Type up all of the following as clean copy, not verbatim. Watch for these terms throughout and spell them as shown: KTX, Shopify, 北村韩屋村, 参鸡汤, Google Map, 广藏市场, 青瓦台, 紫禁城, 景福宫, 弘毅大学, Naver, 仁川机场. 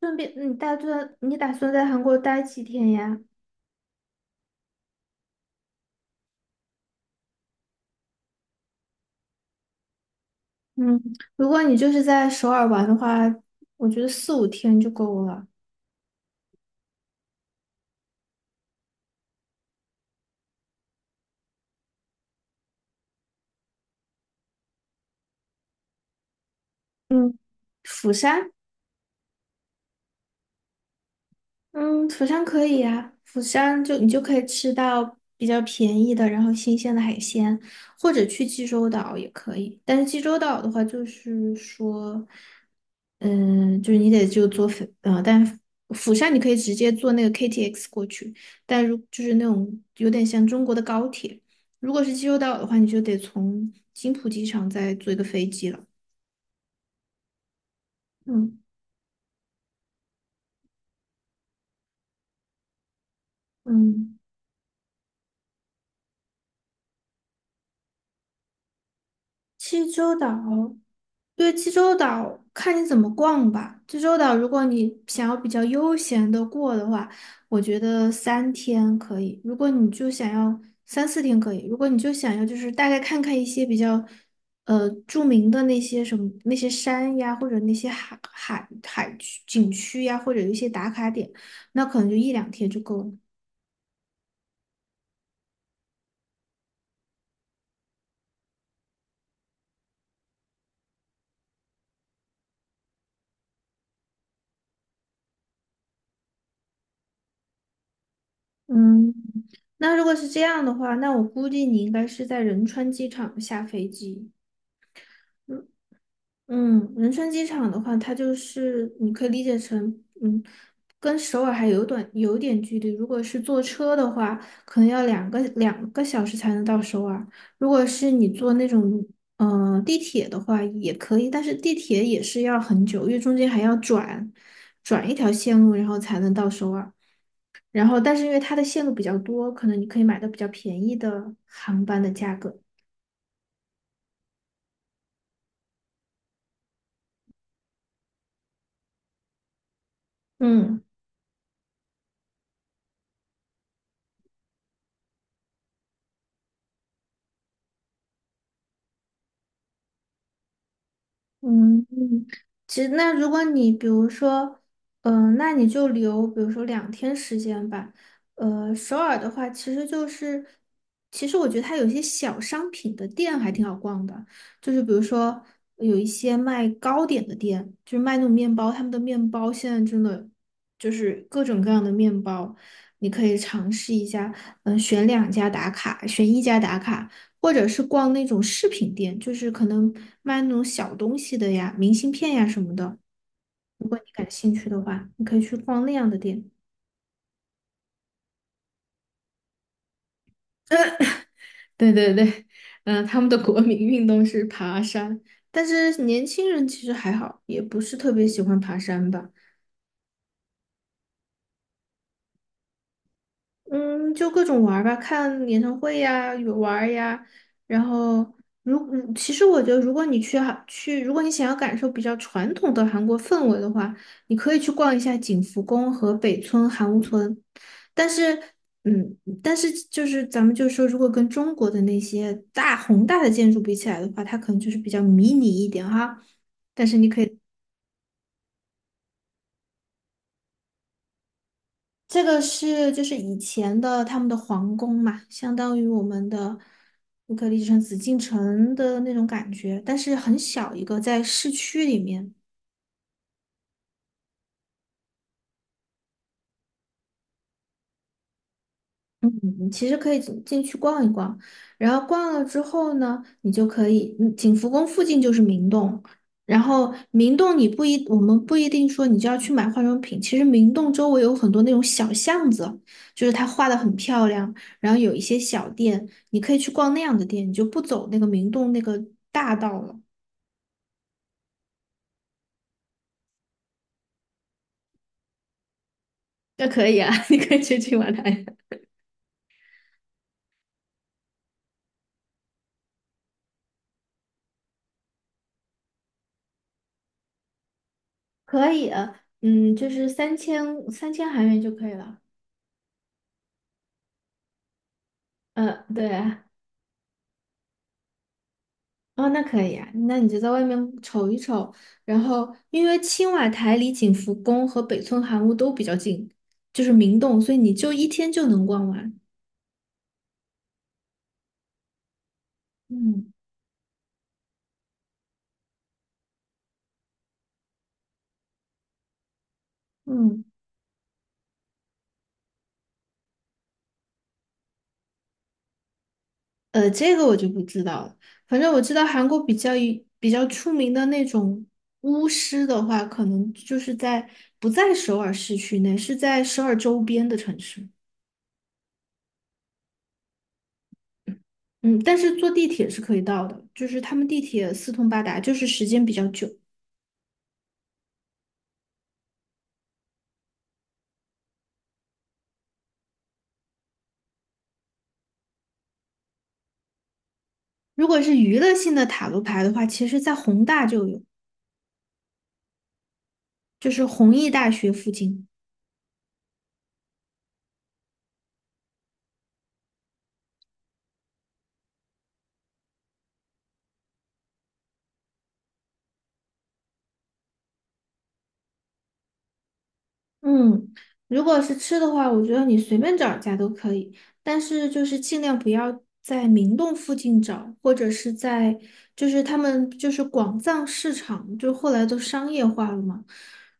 顺便，你打算在韩国待几天呀？嗯，如果你就是在首尔玩的话，我觉得四五天就够了。嗯，釜山，嗯，釜山可以呀、釜山就你就可以吃到比较便宜的，然后新鲜的海鲜，或者去济州岛也可以。但是济州岛的话，就是说。嗯，就是你得就坐飞啊，但釜山你可以直接坐那个 KTX 过去，但就是那种有点像中国的高铁，如果是济州岛的话，你就得从金浦机场再坐一个飞机了。嗯嗯，济州岛。对，济州岛看你怎么逛吧。济州岛，如果你想要比较悠闲的过的话，我觉得三天可以。如果你就想要三四天可以，如果你就想要就是大概看看一些比较著名的那些什么那些山呀，或者那些海区景区呀，或者一些打卡点，那可能就一两天就够了。嗯，那如果是这样的话，那我估计你应该是在仁川机场下飞机。嗯。嗯，仁川机场的话，它就是你可以理解成，嗯，跟首尔还有短有点距离。如果是坐车的话，可能要两个小时才能到首尔。如果是你坐那种地铁的话，也可以，但是地铁也是要很久，因为中间还要转一条线路，然后才能到首尔。然后，但是因为它的线路比较多，可能你可以买到比较便宜的航班的价格。嗯。嗯，其实那如果你比如说，嗯、那你就留，比如说两天时间吧。首尔的话，其实就是，其实我觉得它有一些小商品的店还挺好逛的，就是比如说有一些卖糕点的店，就是卖那种面包，他们的面包现在真的就是各种各样的面包，你可以尝试一下，嗯、选两家打卡，选一家打卡。或者是逛那种饰品店，就是可能卖那种小东西的呀，明信片呀什么的。如果你感兴趣的话，你可以去逛那样的店。对对对，嗯、他们的国民运动是爬山。但是年轻人其实还好，也不是特别喜欢爬山吧。嗯，就各种玩儿吧，看演唱会呀，有玩儿呀。然后，其实我觉得，如果你想要感受比较传统的韩国氛围的话，你可以去逛一下景福宫和北村韩屋村。但是，嗯，但是就是咱们就说，如果跟中国的那些宏大的建筑比起来的话，它可能就是比较迷你一点哈。这个是就是以前的他们的皇宫嘛，相当于我们的乌克丽之城、紫禁城的那种感觉，但是很小一个，在市区里面。嗯，其实可以进去逛一逛，然后逛了之后呢，你就可以，景福宫附近就是明洞，然后明洞你不一，我们不一定说你就要去买化妆品，其实明洞周围有很多那种小巷子，就是它画的很漂亮，然后有一些小店，你可以去逛那样的店，你就不走那个明洞那个大道了。那可以啊，你可以去金晚来。可以，嗯，就是三千韩元就可以了。嗯，对，哦，那可以啊，那你就在外面瞅一瞅，然后因为青瓦台离景福宫和北村韩屋都比较近，就是明洞，所以你就一天就能逛完。嗯嗯，这个我就不知道了。反正我知道韩国比较出名的那种巫师的话，可能就是在不在首尔市区内，是在首尔周边的城市。嗯，但是坐地铁是可以到的，就是他们地铁四通八达，就是时间比较久。如果是娱乐性的塔罗牌的话，其实在宏大就有，就是弘毅大学附近。嗯，如果是吃的话，我觉得你随便找一家都可以，但是就是尽量不要在明洞附近找，或者是在就是他们就是广藏市场，就后来都商业化了嘛。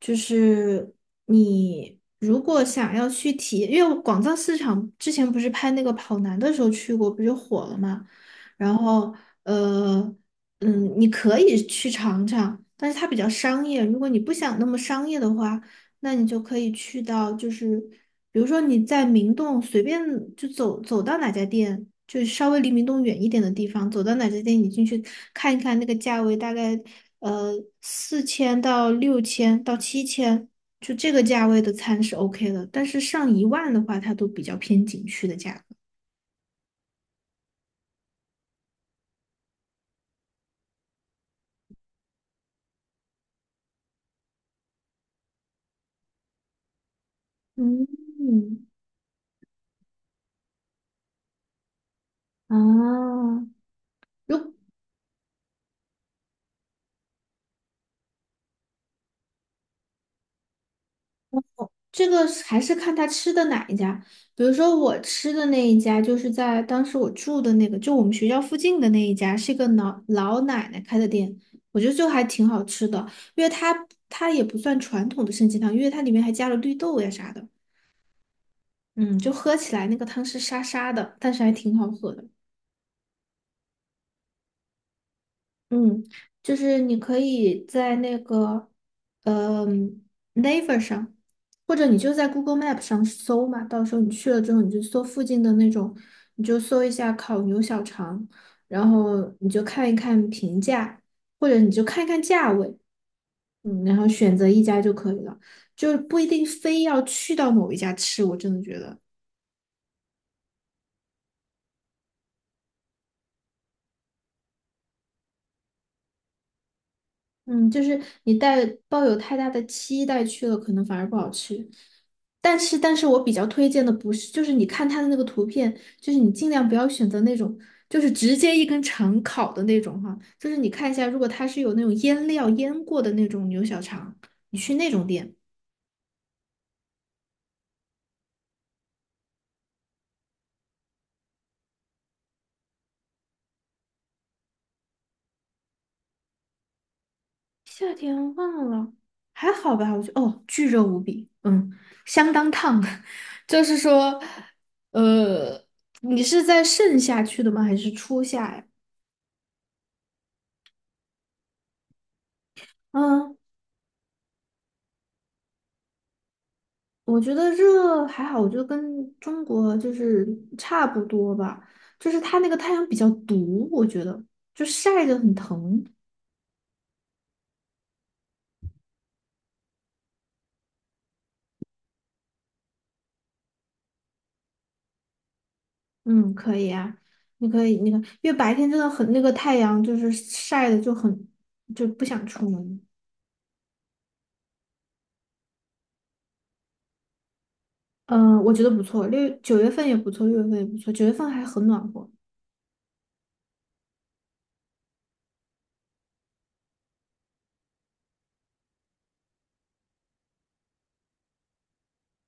就是你如果想要去体验，因为广藏市场之前不是拍那个跑男的时候去过，不就火了嘛。然后呃你可以去尝尝，但是它比较商业。如果你不想那么商业的话，那你就可以去到，就是比如说你在明洞随便就走到哪家店，就稍微离明洞远一点的地方，走到哪家店，你进去看一看那个价位，大概呃4000到6000到7000，就这个价位的餐是 OK 的，但是上10000的话，它都比较偏景区的价格。嗯，啊，如。这个是还是看他吃的哪一家，比如说我吃的那一家，就是在当时我住的那个，就我们学校附近的那一家，是一个老奶奶开的店，我觉得就还挺好吃的，因为它也不算传统的参鸡汤，因为它里面还加了绿豆呀啥的，嗯，就喝起来那个汤是沙沙的，但是还挺好喝的。嗯，就是你可以在那个，嗯，Naver 上，或者你就在 Google Map 上搜嘛。到时候你去了之后，你就搜附近的那种，你就搜一下烤牛小肠，然后你就看一看评价，或者你就看一看价位，嗯，然后选择一家就可以了，就不一定非要去到某一家吃。我真的觉得。嗯，就是你抱有太大的期待去了，可能反而不好吃。但是，但是我比较推荐的不是，就是你看它的那个图片，就是你尽量不要选择那种，就是直接一根肠烤的那种哈。就是你看一下，如果它是有那种腌料腌过的那种牛小肠，你去那种店。夏天忘了，还好吧？我觉得哦，巨热无比，嗯，相当烫。就是说，呃，你是在盛夏去的吗？还是初夏呀？嗯。我觉得热还好，我觉得跟中国就是差不多吧，就是它那个太阳比较毒，我觉得就晒着很疼。嗯，可以啊，你可以那个，因为白天真的很那个太阳就是晒的就很不想出门。嗯、我觉得不错，六九月份也不错，六月份也不错，九月份还很暖和。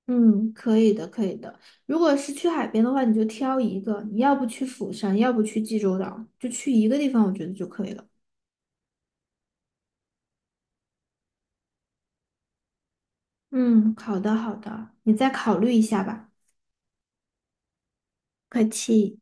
嗯，可以的，可以的。如果是去海边的话，你就挑一个，你要不去釜山，要不去济州岛，就去一个地方，我觉得就可以了。嗯，好的好的，你再考虑一下吧。客气。